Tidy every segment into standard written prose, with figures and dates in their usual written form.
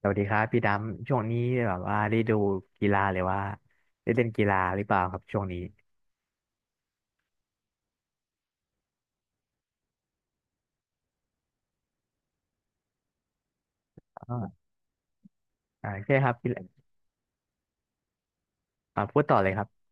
สวัสดีครับพี่ดำช่วงนี้แบบว่าได้ดูกีฬาหรือว่าได้เล่นกีฬาหรือเปล่าครับช่วงนี้อ่าอ่าใช่ครับพี่อ่าพูดต่อเลยครับ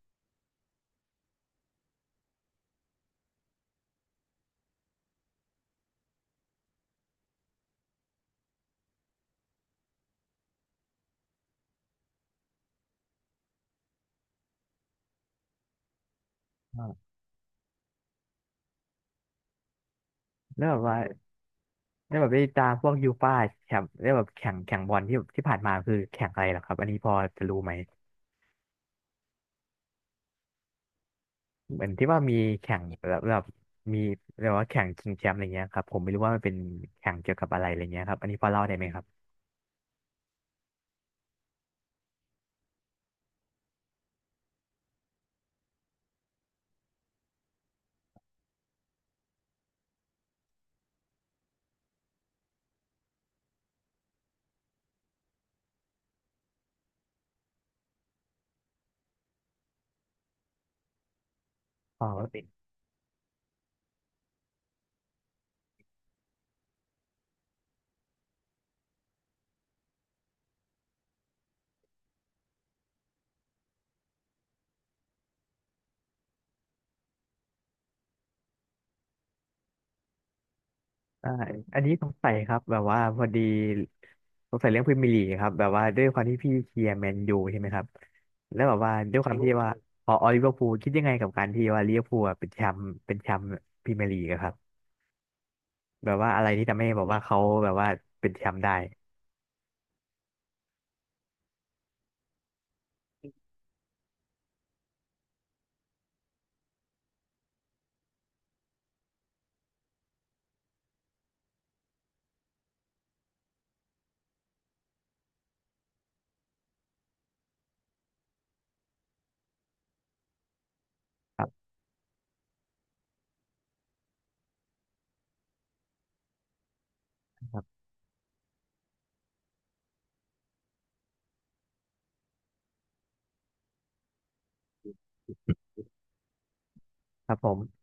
อ่าแล้วแบบว่าได้แบบได้ตามพวกยูฟ่าแชมป์ได้แบบแข่งบอลที่ที่ผ่านมาคือแข่งอะไรเหรอครับอันนี้พอจะรู้ไหมเหมือนที่ว่ามีแข่งแบบมีเรียกว่าแข่งชิงแชมป์อะไรเงี้ยครับผมไม่รู้ว่ามันเป็นแข่งเกี่ยวกับอะไรอะไรเงี้ยครับอันนี้พอเล่าได้ไหมครับพอว่เป็น ใช่อันนี้สงสัยครับแบบว่าพอดีสงสัยเรื่องพรีเมียร์ลีกครับแบบว่าด้วยความที่พี่เชียร์แมนยูใช่ไหมครับแล้วแบบว่าด้วยความที่ว่าพอลิเวอร์พูลคิดยังไงกับการที่ว่าลิเวอร์พูลอะเป็นแชมป์พรีเมียร์ลีกอะครับแบบว่าอะไรที่ทำให้แบบว่าเขาแบบว่าเป็นแชมป์ได้ครับครับครับผม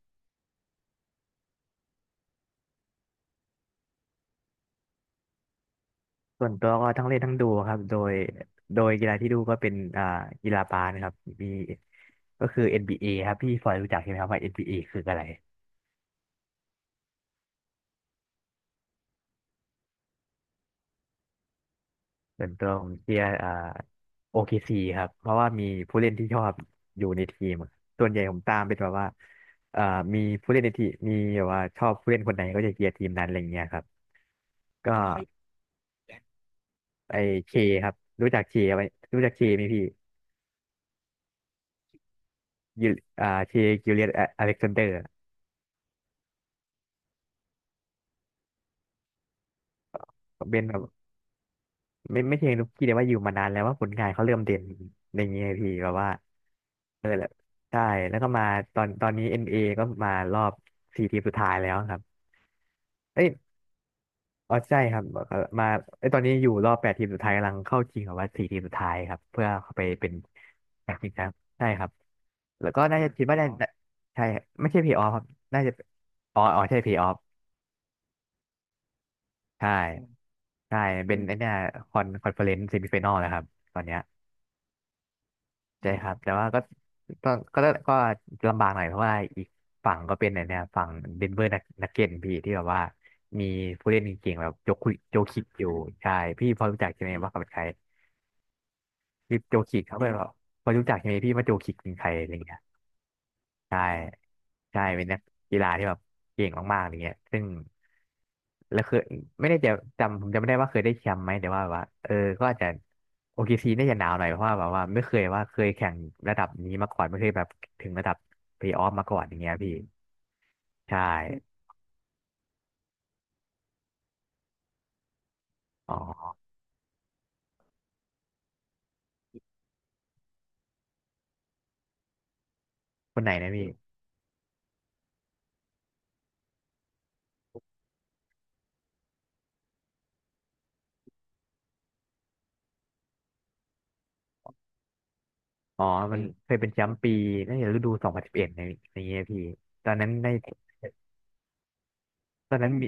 ส่วนตัวก็ทั้งเล่นทั้งดูครับโดยกีฬาที่ดูก็เป็นอ่ากีฬาบาสนะครับมีก็คือเอ็นบีเอครับพี่ฟอยรู้จักใช่ไหมครับว่า n เอคืออะไร ส่วนตัวผมเชียร์อ่าโอเคซีครับเพราะว่ามีผู้เล่นที่ชอบอยู่ในทีมส่วนใหญ่ผมตามเป็นแบบว่าอ่ามีผู้เล่นในทีมมีแบบว่าชอบผู้เล่นคนไหนก็จะเชียร์ทีมนั้นอะไรเงี้ยครับก็ไอเคครับรู้จักเคไหมรู้จักเคไหมพี่ยูเคกิลเลียนอเล็กซานเดอร์เป็นแบบไม่เชิงลูกกี้แต่ว่าอยู่มานานแล้วว่าผลงานเขาเริ่มเด่นอะไรเงี้ยพี่แบบว่าเออแล้วใช่แล้วก็มาตอนนี้เอ็นเ a ก็มารอบสี่ทีมสุดท้ายแล้วครับเอ้ย อ๋อใช่ครับมาไอยตอนนี้อยู่รอบแปดทีมสุดท้ายกำลังเข้าชิงกับว่าสี่ทีมสุดท้ายครับเพื่อเข้าไปเป็นแปดทีมครับใช่ครับแล้วก็น่าจะคิดว่าได้ใช่ไม่ใช่เพลย์ออฟครับน่าจะอ๋ออ๋อใช่เพลย์ออฟใช่ใช่เป็นไอเนี่ยคอนเฟอเรนซ์เซมิไฟแนลนะครับตอนเนี้ยใช่ครับแต่ว่าก็ก็ก็ลำบากหน่อยเพราะว่าอีกฝั่งก็เป็นไอเนี่ยฝั่งเดนเวอร์นักเก็ตพี่ที่แบบว่ามีผู้เล่นเก่งๆแบบโจคิดอยู่ใช่พี่พอรู้จักใช่ไหมว่าเขาเป็นใคร คือโจคิกเขาก็แบบพอรู้จักใช่ไหมพี่ว่าโจคิกเป็นใครอะไรเงี้ยใช่ใช่เป็นนักกีฬาที่แบบเก่งมากๆอะไรเงี้ยซึ่งแล้วคือไม่ได้จะจำผมจำไม่ได้ว่าเคยได้แชมป์ไหมแต่ว่าแบบว่าเออก็อาจจะโอเคซีน่าจะหนาวหน่อยเพราะว่าแบบว่าไม่เคยว่าเคยแข่งระดับนี้มาก่อนไม่เคยแบบถึงระดับเพลย์ออฟมาก่อนอย่างเงี้ยพี่ใช่อ๋อคนไหนนะพี่อ๋อมันเคยเป็นแชมป์ปีน่าจะฤดู2011ในในเงี้ยพี่ตอนนั้นในตอนนั้นมี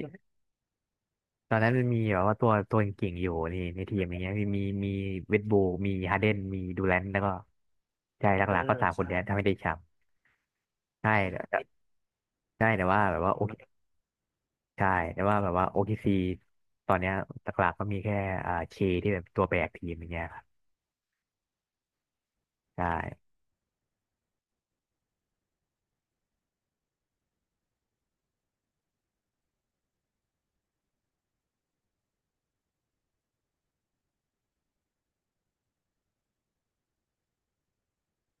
ตอนนั้นมันมีแบบว่าตัวเก่งๆอยู่นี่ในทีมอย่างเงี้ยมีเวดบูมีฮาเดนมีดูแลนแล้วก็ใช่หเออลักๆก็สามคนใช่เนี้ยถ้าไม่ได้แชมป์ใช่แต่ใช่แต่ว่าแบบว่าโอเคใช่แต่ว่าแบบว่าโอเคซีตอนเนี้ยหลักๆก็มีแค่อ่าเคที่แบบตัวแบกทีมอย่างเงี้ยครับใช่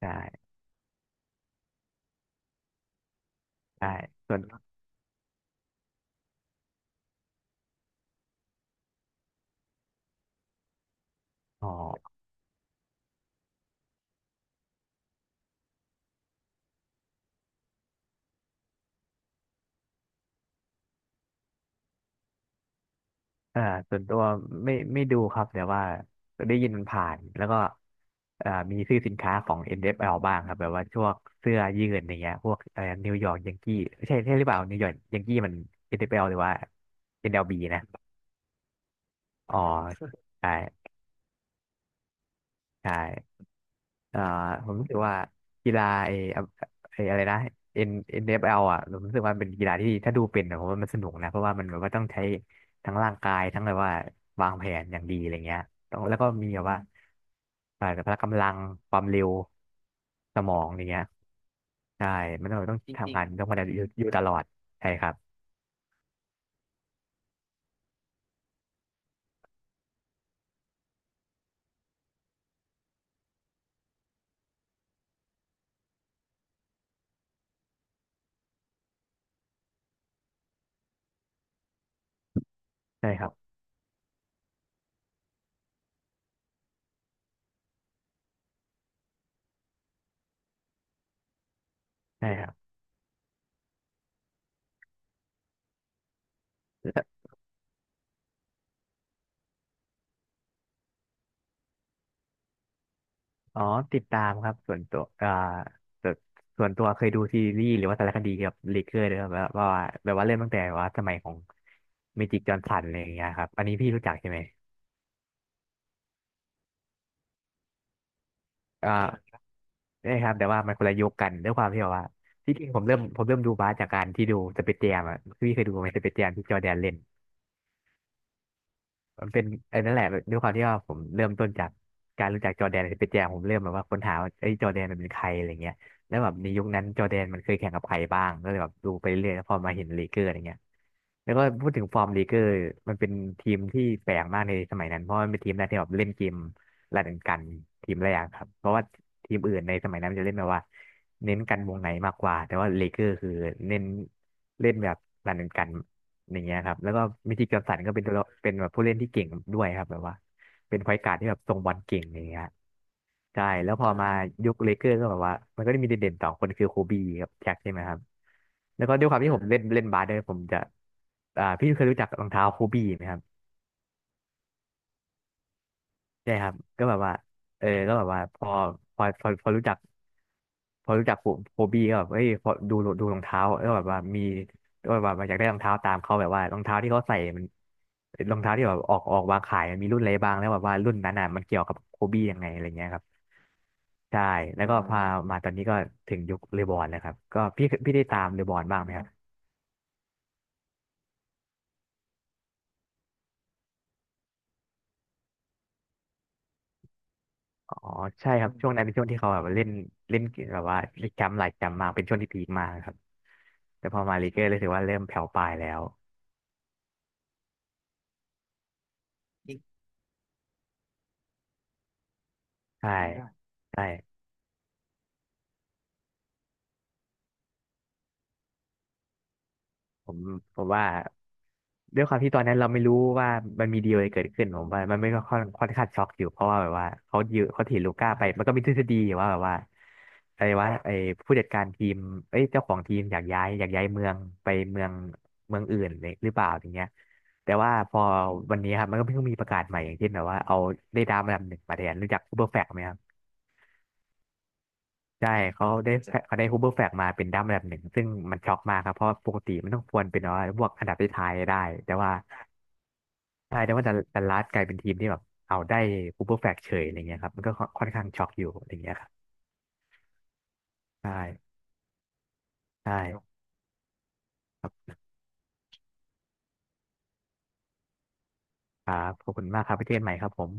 ใช่ใช่ส่วนอ๋อ อ่าส่วนตัวไม่ดูครับแต่ว่าได้ยินมันผ่านแล้วก็อ่ามีซื้อสินค้าของ NFL บ้างครับแบบว่าช่วงเสื้อยืดอย่างเงี้ยพวกอะไรนิวยอร์กยังกี้ใช่ใช่หรือเปล่านิวยอร์กยังกี้มัน NFL หรือว่า NLB นแอลบีนะอ๋อใช่ ใช่เอ่อผมรู้สึกว่ากีฬาไอ้อะไรนะ NFL อนเอฟแอลอ่ะผมรู้สึกว่าเป็นกีฬาที่ถ้าดูเป็นนะผมว่ามันสนุกนะเพราะว่ามันแบบว่าต้องใช้ทั้งร่างกายทั้งแบบว่าวางแผนอย่างดีอะไรเงี้ยต้องแล้วก็มีแบบว่าพละกำลังความเร็วสมองอย่างเงี้ยใช่มันต้องทำงานต้องมาอยู่ตลอดใช่ครับใช่ครับใช่ครับ อ๋อติดตามครับส่วนตัวส่วนส่วนตัวเคยดูซีรีส์หรือว่าสารคดีเกี่ยวกับเลเกอร์ด้วยครับแบบว่าแบบว่าเริ่มตั้งแต่ว่าสมัยของเมจิกจอห์นสันอะไรอย่างเงี้ยครับอันนี้พี่รู้จักใช่ไหมอ่าใช่ครับแต่ว่ามันคนละยุคกันด้วยความที่แบบว่าที่จริงผมเริ่มดูบาสจากการที่ดูสเปซแจมอ่ะพี่เคยดูไหมสเปซแจมที่จอร์แดนเล่น มันเป็นไอ้นั่นแหละด้วยความที่ว่าผมเริ่มต้นจากการรู้จักจอร์แดนเปแจมผมเริ่มแบบว่าค้นหาว่าไอ้ยจอร์แดนมันเป็นใครอะไรเงี้ยแล้วแบบในยุคนั้นจอร์แดนมันเคยแข่งกับใครบ้างก็เลยแบบดูไปเรื่อยแล้วพอมาเห็นลีเกอร์อะไรเงี้ยแล้วก็พูดถึงฟอร์มลีเกอร์มันเป็นทีมที่แปลกมากในสมัยนั้นเพราะมันเป็นทีมแรกที่แบบเล่นเกมรันกันทีมแรกครับเพราะว่าทีมอื่นในสมัยนั้นมันจะเล่นแบบว่า เน้นกันวงในมากกว่าแต่ว่าเลเกอร์คือเน้นเล่นแบบรันกันอย่างเงี้ยครับแล้วก็มิติกกัมสันก็เป็นตัวละเป็นแบบผู้เล่นที่เก่งด้วยครับแบบว่าเป็นไฟการ์ดที่แบบทรงบอลเก่งอย่างเงี้ยใช่แล้วพอมายุคเลเกอร์ก็แบบว่ามันก็ได้มีเด่นๆสองคนคือโคบีกับแจ็คใช่ไหมครับแล้วก็ด้วยความที่ผมเล่นเล่นบาสด้วยผมจะพี่เคยรู้จักรองเท้าโคบีไหมครับ ใช่ครับก็แบบว่าเออก็แบบว่าพอรู้จักพอรู้จักผมโฮบี้ก็แบบเอ้ยพอดูดูรองเท้าก็แบบว่ามีก็แบบว่าอยากได้รองเท้าตามเขาแบบว่ารองเท้าที่เขาใส่มันรองเท้าที่แบบออกวางขายมันมีรุ่นอะไรบ้างแล้วแบบว่ารุ่นนั้นน่ะมันเกี่ยวกับโฮบี้ยังไงอะไรเงี้ยครับใช่แล้วก็พามาตอนนี้ก็ถึงยุคเลบอนแล้วครับก็พี่ได้ตามเลบอนบ้างไหมครับ อ๋อใช่ครับช่วงนั้นเป็นช่วงที่เขาแบบเล่นเล่นแบบว่าเล่นจำหลายจำมากเป็นช่วงที่พีคมากครับแต่พอมาลีเกอร์รู้สึกว่าเริ่มแผ่วปลายแล้วใช่ใช่ ผมผมว่าด้วยความที่ตอนนั้นเราไม่รู้ว่ามันมีดีลอะไรเกิดขึ้นผมว่ามันไม่ก็ค่อนข้างช็อกอยู่เพราะว่าแบบว่าเขายืมเขาถือลูก้าไปมันก็มีทฤษฎีว่าแบบว่าอะไรวาไอ้ผู้จัดการทีมเอ้ยเจ้าของทีมอยากย้ายเมืองไปเมืองอื่นเลยหรือเปล่าอย่างเงี้ยแต่ว่าพอวันนี้ครับมันก็เพิ่งมีประกาศใหม่อย่างเช่นแบบว่าเอาได้ดาวมาลำหนึ่งมาแทนรู้จักอูเบอร์แฟกไหมครับ ใช่เขาได้เขาได้ฮูเบอร์แฟกมาเป็นดั้ามอันดับหนึ่งซึ่งมันช็อกมากครับเพราะปกติมันต้องควรเป็นว่าพวกอันดับท้ายๆได้แต่ว่าใช่แต่ว่าดัลลัสกลายเป็นทีมที่แบบเอาได้ฮูเบอร์แฟกเฉยอะไรเงี้ยครับมันก็ค่อนข้างช็อกอยู่อะไรเงี้ยครับใช่ใช่ครับครับขอบคุณมากครับไปเจอกันใหม่ครับผม